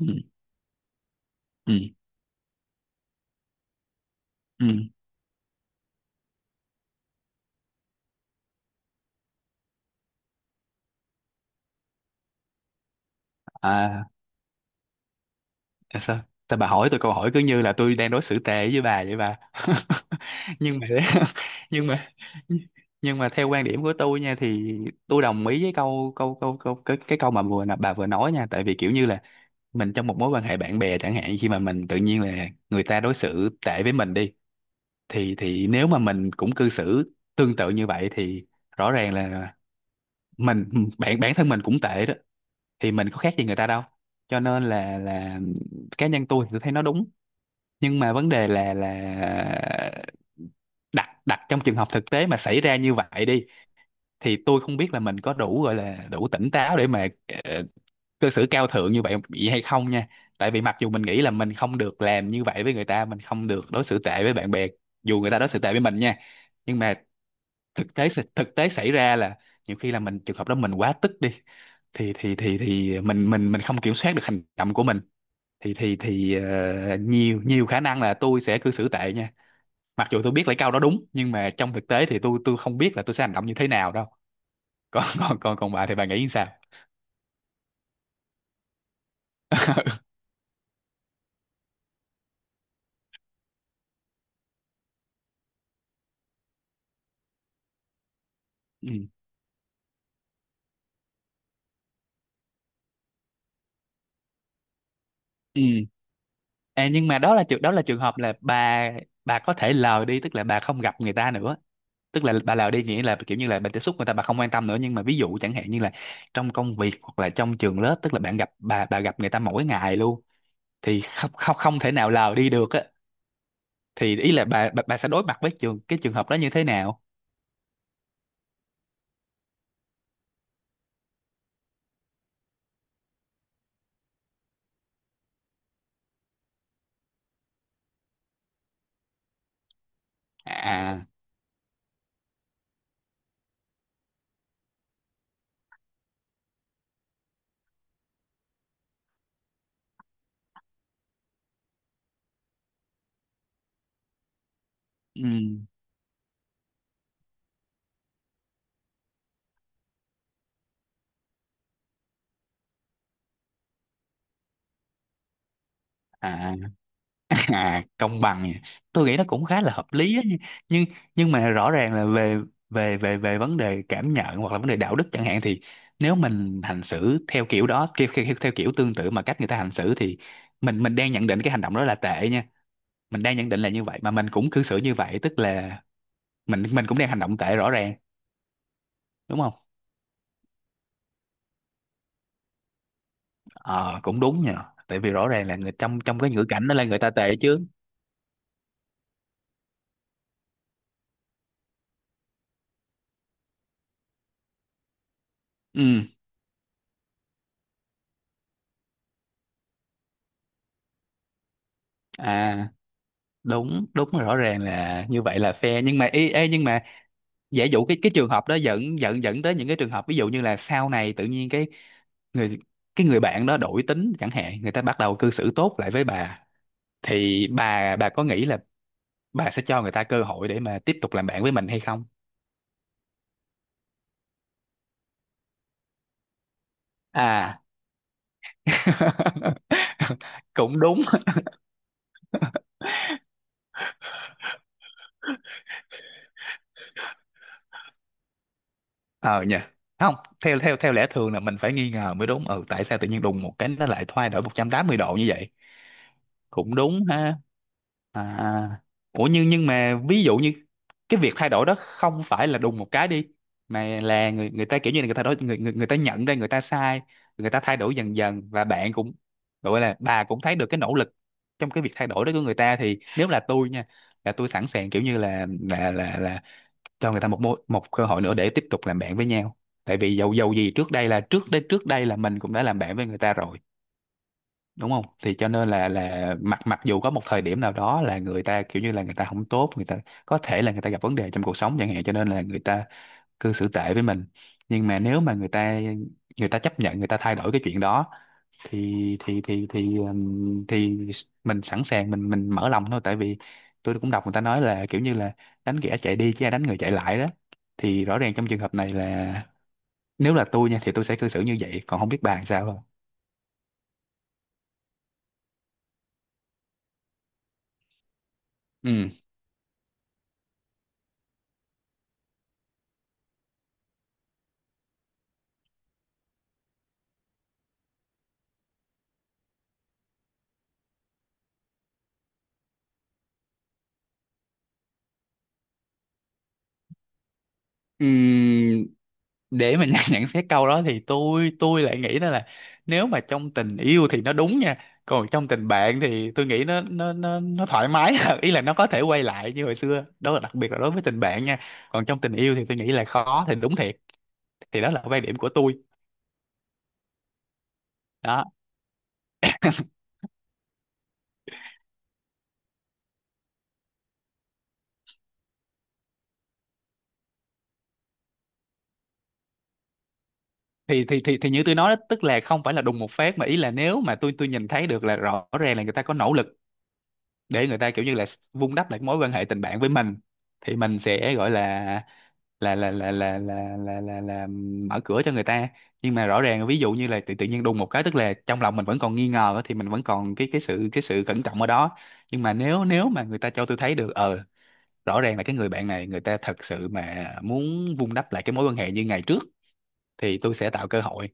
Ừ. Ừ. Ừ. À, là sao? Sao bà hỏi tôi câu hỏi cứ như là tôi đang đối xử tệ với bà vậy, bà? Nhưng mà nhưng mà nhưng mà theo quan điểm của tôi nha, thì tôi đồng ý với câu câu câu câu cái câu mà bà vừa nói nha, tại vì kiểu như là mình trong một mối quan hệ bạn bè chẳng hạn, khi mà mình tự nhiên là người ta đối xử tệ với mình đi, thì nếu mà mình cũng cư xử tương tự như vậy thì rõ ràng là mình, bản bản thân mình cũng tệ đó, thì mình có khác gì người ta đâu. Cho nên là cá nhân tôi thì tôi thấy nó đúng. Nhưng mà vấn đề là đặt đặt trong trường hợp thực tế mà xảy ra như vậy đi, thì tôi không biết là mình có đủ, gọi là đủ tỉnh táo để mà ờ, cư xử cao thượng như vậy bị hay không nha. Tại vì mặc dù mình nghĩ là mình không được làm như vậy với người ta, mình không được đối xử tệ với bạn bè dù người ta đối xử tệ với mình nha, nhưng mà thực tế, thực tế xảy ra là nhiều khi là mình trường hợp đó mình quá tức đi, thì mình không kiểm soát được hành động của mình. Thì nhiều nhiều khả năng là tôi sẽ cư xử tệ nha. Mặc dù tôi biết lấy câu đó đúng nhưng mà trong thực tế thì tôi không biết là tôi sẽ hành động như thế nào đâu. Còn còn còn còn bà thì bà nghĩ sao? Ừ. Ừ. À, nhưng mà đó là trường hợp là bà có thể lờ đi, tức là bà không gặp người ta nữa, tức là bà lờ đi nghĩa là kiểu như là bà tiếp xúc người ta bà không quan tâm nữa. Nhưng mà ví dụ chẳng hạn như là trong công việc hoặc là trong trường lớp, tức là bạn gặp bà gặp người ta mỗi ngày luôn, thì không không không thể nào lờ đi được á. Thì ý là bà, bà sẽ đối mặt với cái trường hợp đó như thế nào? À. Ừ. À, à công bằng nhỉ. Tôi nghĩ nó cũng khá là hợp lý á. Nhưng mà rõ ràng là về về về về vấn đề cảm nhận hoặc là vấn đề đạo đức chẳng hạn, thì nếu mình hành xử theo kiểu đó, theo kiểu tương tự mà cách người ta hành xử, thì mình đang nhận định cái hành động đó là tệ nha. Mình đang nhận định là như vậy mà mình cũng cư xử như vậy, tức là mình cũng đang hành động tệ rõ ràng, đúng không? Ờ, cũng đúng nhờ. Tại vì rõ ràng là người trong trong cái ngữ cảnh đó là người ta tệ chứ. Ừ. À, đúng đúng rồi, rõ ràng là như vậy là fair. Nhưng mà ê, nhưng mà giả dụ cái trường hợp đó dẫn dẫn dẫn tới những cái trường hợp, ví dụ như là sau này tự nhiên cái người, người bạn đó đổi tính chẳng hạn, người ta bắt đầu cư xử tốt lại với bà, thì bà có nghĩ là bà sẽ cho người ta cơ hội để mà tiếp tục làm bạn với mình hay không? À. Cũng đúng. Ờ nhỉ. Không, theo theo theo lẽ thường là mình phải nghi ngờ mới đúng. Ừ, tại sao tự nhiên đùng một cái nó lại thay đổi 180 độ như vậy? Cũng đúng ha. À, ủa nhưng mà ví dụ như cái việc thay đổi đó không phải là đùng một cái đi, mà là người người ta kiểu như là người ta đổi, người người người ta nhận ra người ta sai, người ta thay đổi dần dần, và bạn cũng, gọi là bà cũng thấy được cái nỗ lực trong cái việc thay đổi đó của người ta, thì nếu là tôi nha, là tôi sẵn sàng, kiểu như là cho người ta một mối, một cơ hội nữa để tiếp tục làm bạn với nhau. Tại vì dầu dầu gì trước đây là trước đây, là mình cũng đã làm bạn với người ta rồi, đúng không? Thì cho nên là mặc mặc dù có một thời điểm nào đó là người ta kiểu như là người ta không tốt, người ta có thể là người ta gặp vấn đề trong cuộc sống chẳng hạn, cho nên là người ta cư xử tệ với mình. Nhưng mà nếu mà người ta chấp nhận, người ta thay đổi cái chuyện đó, thì thì mình sẵn sàng, mình mở lòng thôi. Tại vì tôi cũng đọc người ta nói là kiểu như là đánh kẻ chạy đi chứ ai đánh người chạy lại đó. Thì rõ ràng trong trường hợp này là nếu là tôi nha thì tôi sẽ cư xử như vậy. Còn không biết bà làm sao không? Ừ, để mà nhận xét câu đó thì tôi lại nghĩ đó là nếu mà trong tình yêu thì nó đúng nha, còn trong tình bạn thì tôi nghĩ nó thoải mái ý là nó có thể quay lại như hồi xưa đó, là đặc biệt là đối với tình bạn nha. Còn trong tình yêu thì tôi nghĩ là khó thì đúng thiệt. Thì đó là quan điểm của tôi. Đó, thì như tôi nói đó, tức là không phải là đùng một phát, mà ý là nếu mà tôi, nhìn thấy được là rõ ràng là người ta có nỗ lực để người ta kiểu như là vun đắp lại cái mối quan hệ tình bạn với mình, thì mình sẽ gọi là là mở cửa cho người ta. Nhưng mà rõ ràng ví dụ như là tự tự nhiên đùng một cái, tức là trong lòng mình vẫn còn nghi ngờ á, thì mình vẫn còn cái sự, cẩn trọng ở đó. Nhưng mà nếu nếu mà người ta cho tôi thấy được, ờ, rõ ràng là cái người bạn này người ta thật sự mà muốn vun đắp lại cái mối quan hệ như ngày trước, thì tôi sẽ tạo cơ hội.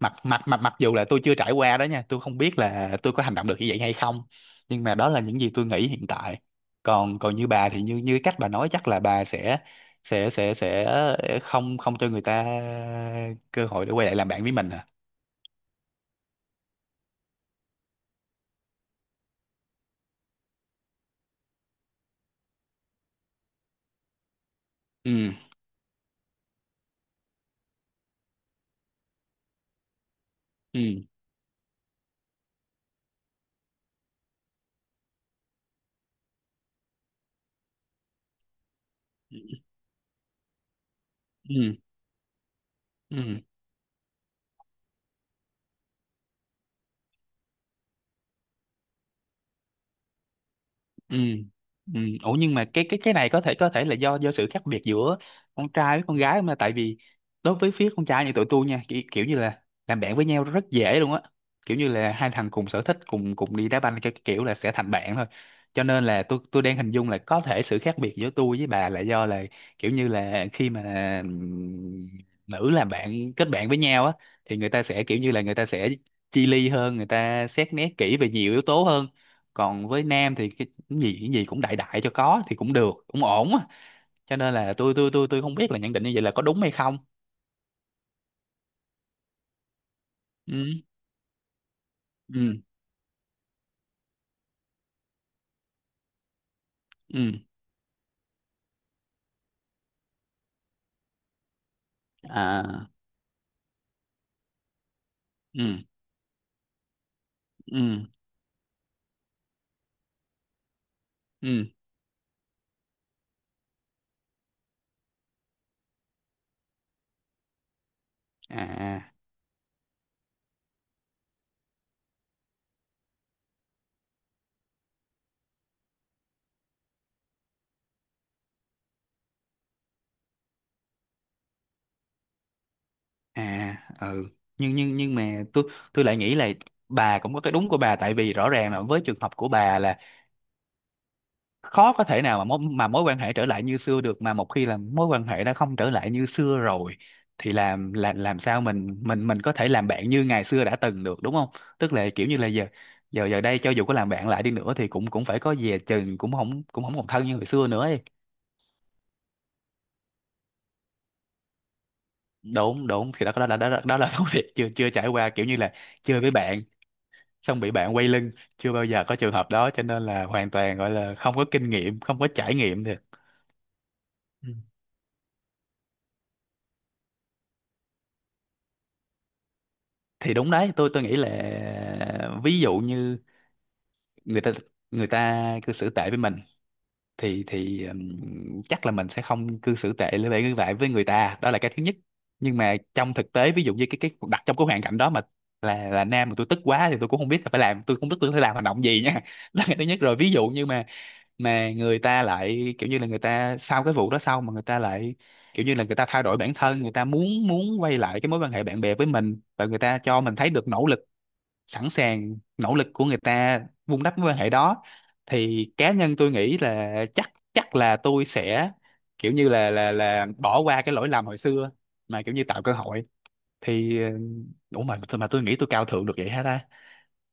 Mặc mặc mặc mặc dù là tôi chưa trải qua đó nha, tôi không biết là tôi có hành động được như vậy hay không, nhưng mà đó là những gì tôi nghĩ hiện tại. Còn còn như bà thì như như cách bà nói chắc là bà sẽ sẽ không, cho người ta cơ hội để quay lại làm bạn với mình à? Ừ. Ừ. Ừ. Ừ. Ừ. Ừ. Ủa nhưng mà cái này có thể, là do sự khác biệt giữa con trai với con gái không ta? Tại vì đối với phía con trai như tụi tôi nha, kiểu như là làm bạn với nhau rất dễ luôn á, kiểu như là hai thằng cùng sở thích, cùng cùng đi đá banh, cái kiểu là sẽ thành bạn thôi. Cho nên là tôi đang hình dung là có thể sự khác biệt giữa tôi với bà là do là kiểu như là khi mà, ừm, nữ làm bạn, kết bạn với nhau á, thì người ta sẽ kiểu như là người ta sẽ chi ly hơn, người ta xét nét kỹ về nhiều yếu tố hơn. Còn với nam thì cái, cái gì cũng đại, cho có thì cũng được, cũng ổn á. Cho nên là tôi không biết là nhận định như vậy là có đúng hay không. Ừ. Ừ. Ừ. À. Ừ. Ừ. Ừ. À. À. Ừ. Nhưng mà tôi lại nghĩ là bà cũng có cái đúng của bà. Tại vì rõ ràng là với trường hợp của bà là khó có thể nào mà mối quan hệ trở lại như xưa được. Mà một khi là mối quan hệ đã không trở lại như xưa rồi thì làm sao mình có thể làm bạn như ngày xưa đã từng được, đúng không? Tức là kiểu như là giờ giờ giờ đây cho dù có làm bạn lại đi nữa thì cũng, phải có dè chừng, cũng không, còn thân như hồi xưa nữa ấy. Đúng. Thì đó, đó là công việc chưa chưa trải qua, kiểu như là chơi với bạn xong bị bạn quay lưng chưa bao giờ có trường hợp đó, cho nên là hoàn toàn gọi là không có kinh nghiệm, không có trải nghiệm thì. Thì đúng đấy, tôi nghĩ là ví dụ như người ta người ta cư xử tệ với mình, thì chắc là mình sẽ không cư xử tệ với lại lại với người ta, đó là cái thứ nhất. Nhưng mà trong thực tế ví dụ như cái đặt trong cái hoàn cảnh đó mà là nam mà tôi tức quá thì tôi cũng không biết là phải làm, tôi không biết tôi phải làm hành động gì nha đó là cái thứ nhất rồi. Ví dụ như mà người ta lại kiểu như là người ta sau cái vụ đó, sau mà người ta lại kiểu như là người ta thay đổi bản thân, người ta muốn, quay lại cái mối quan hệ bạn bè với mình và người ta cho mình thấy được nỗ lực, sẵn sàng nỗ lực của người ta vun đắp mối quan hệ đó, thì cá nhân tôi nghĩ là chắc chắc là tôi sẽ kiểu như là bỏ qua cái lỗi lầm hồi xưa, mà kiểu như tạo cơ hội. Thì ừ, ủa mà tôi nghĩ tôi cao thượng được vậy hả ta?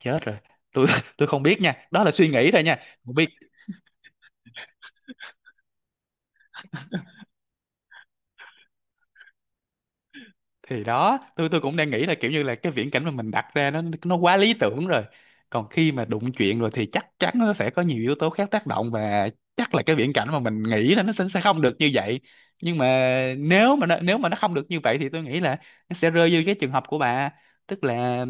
Chết rồi. Tôi tôi không biết nha, đó là suy nghĩ thôi nha. Thì đó, tôi cũng đang nghĩ là kiểu như là cái viễn cảnh mà mình đặt ra nó quá lý tưởng rồi. Còn khi mà đụng chuyện rồi thì chắc chắn nó sẽ có nhiều yếu tố khác tác động, và chắc là cái viễn cảnh mà mình nghĩ là nó sẽ không được như vậy. Nhưng mà nếu mà nó không được như vậy thì tôi nghĩ là nó sẽ rơi vô cái trường hợp của bà, tức là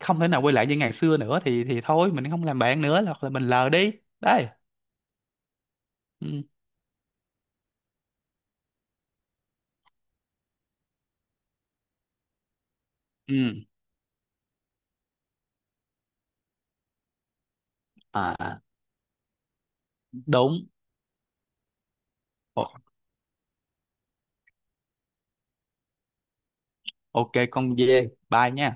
không thể nào quay lại như ngày xưa nữa, thì thôi mình không làm bạn nữa hoặc là mình lờ đi. Đấy. Ừ. Ừ. À, à, đúng. Ồ, ok con dê bye nha.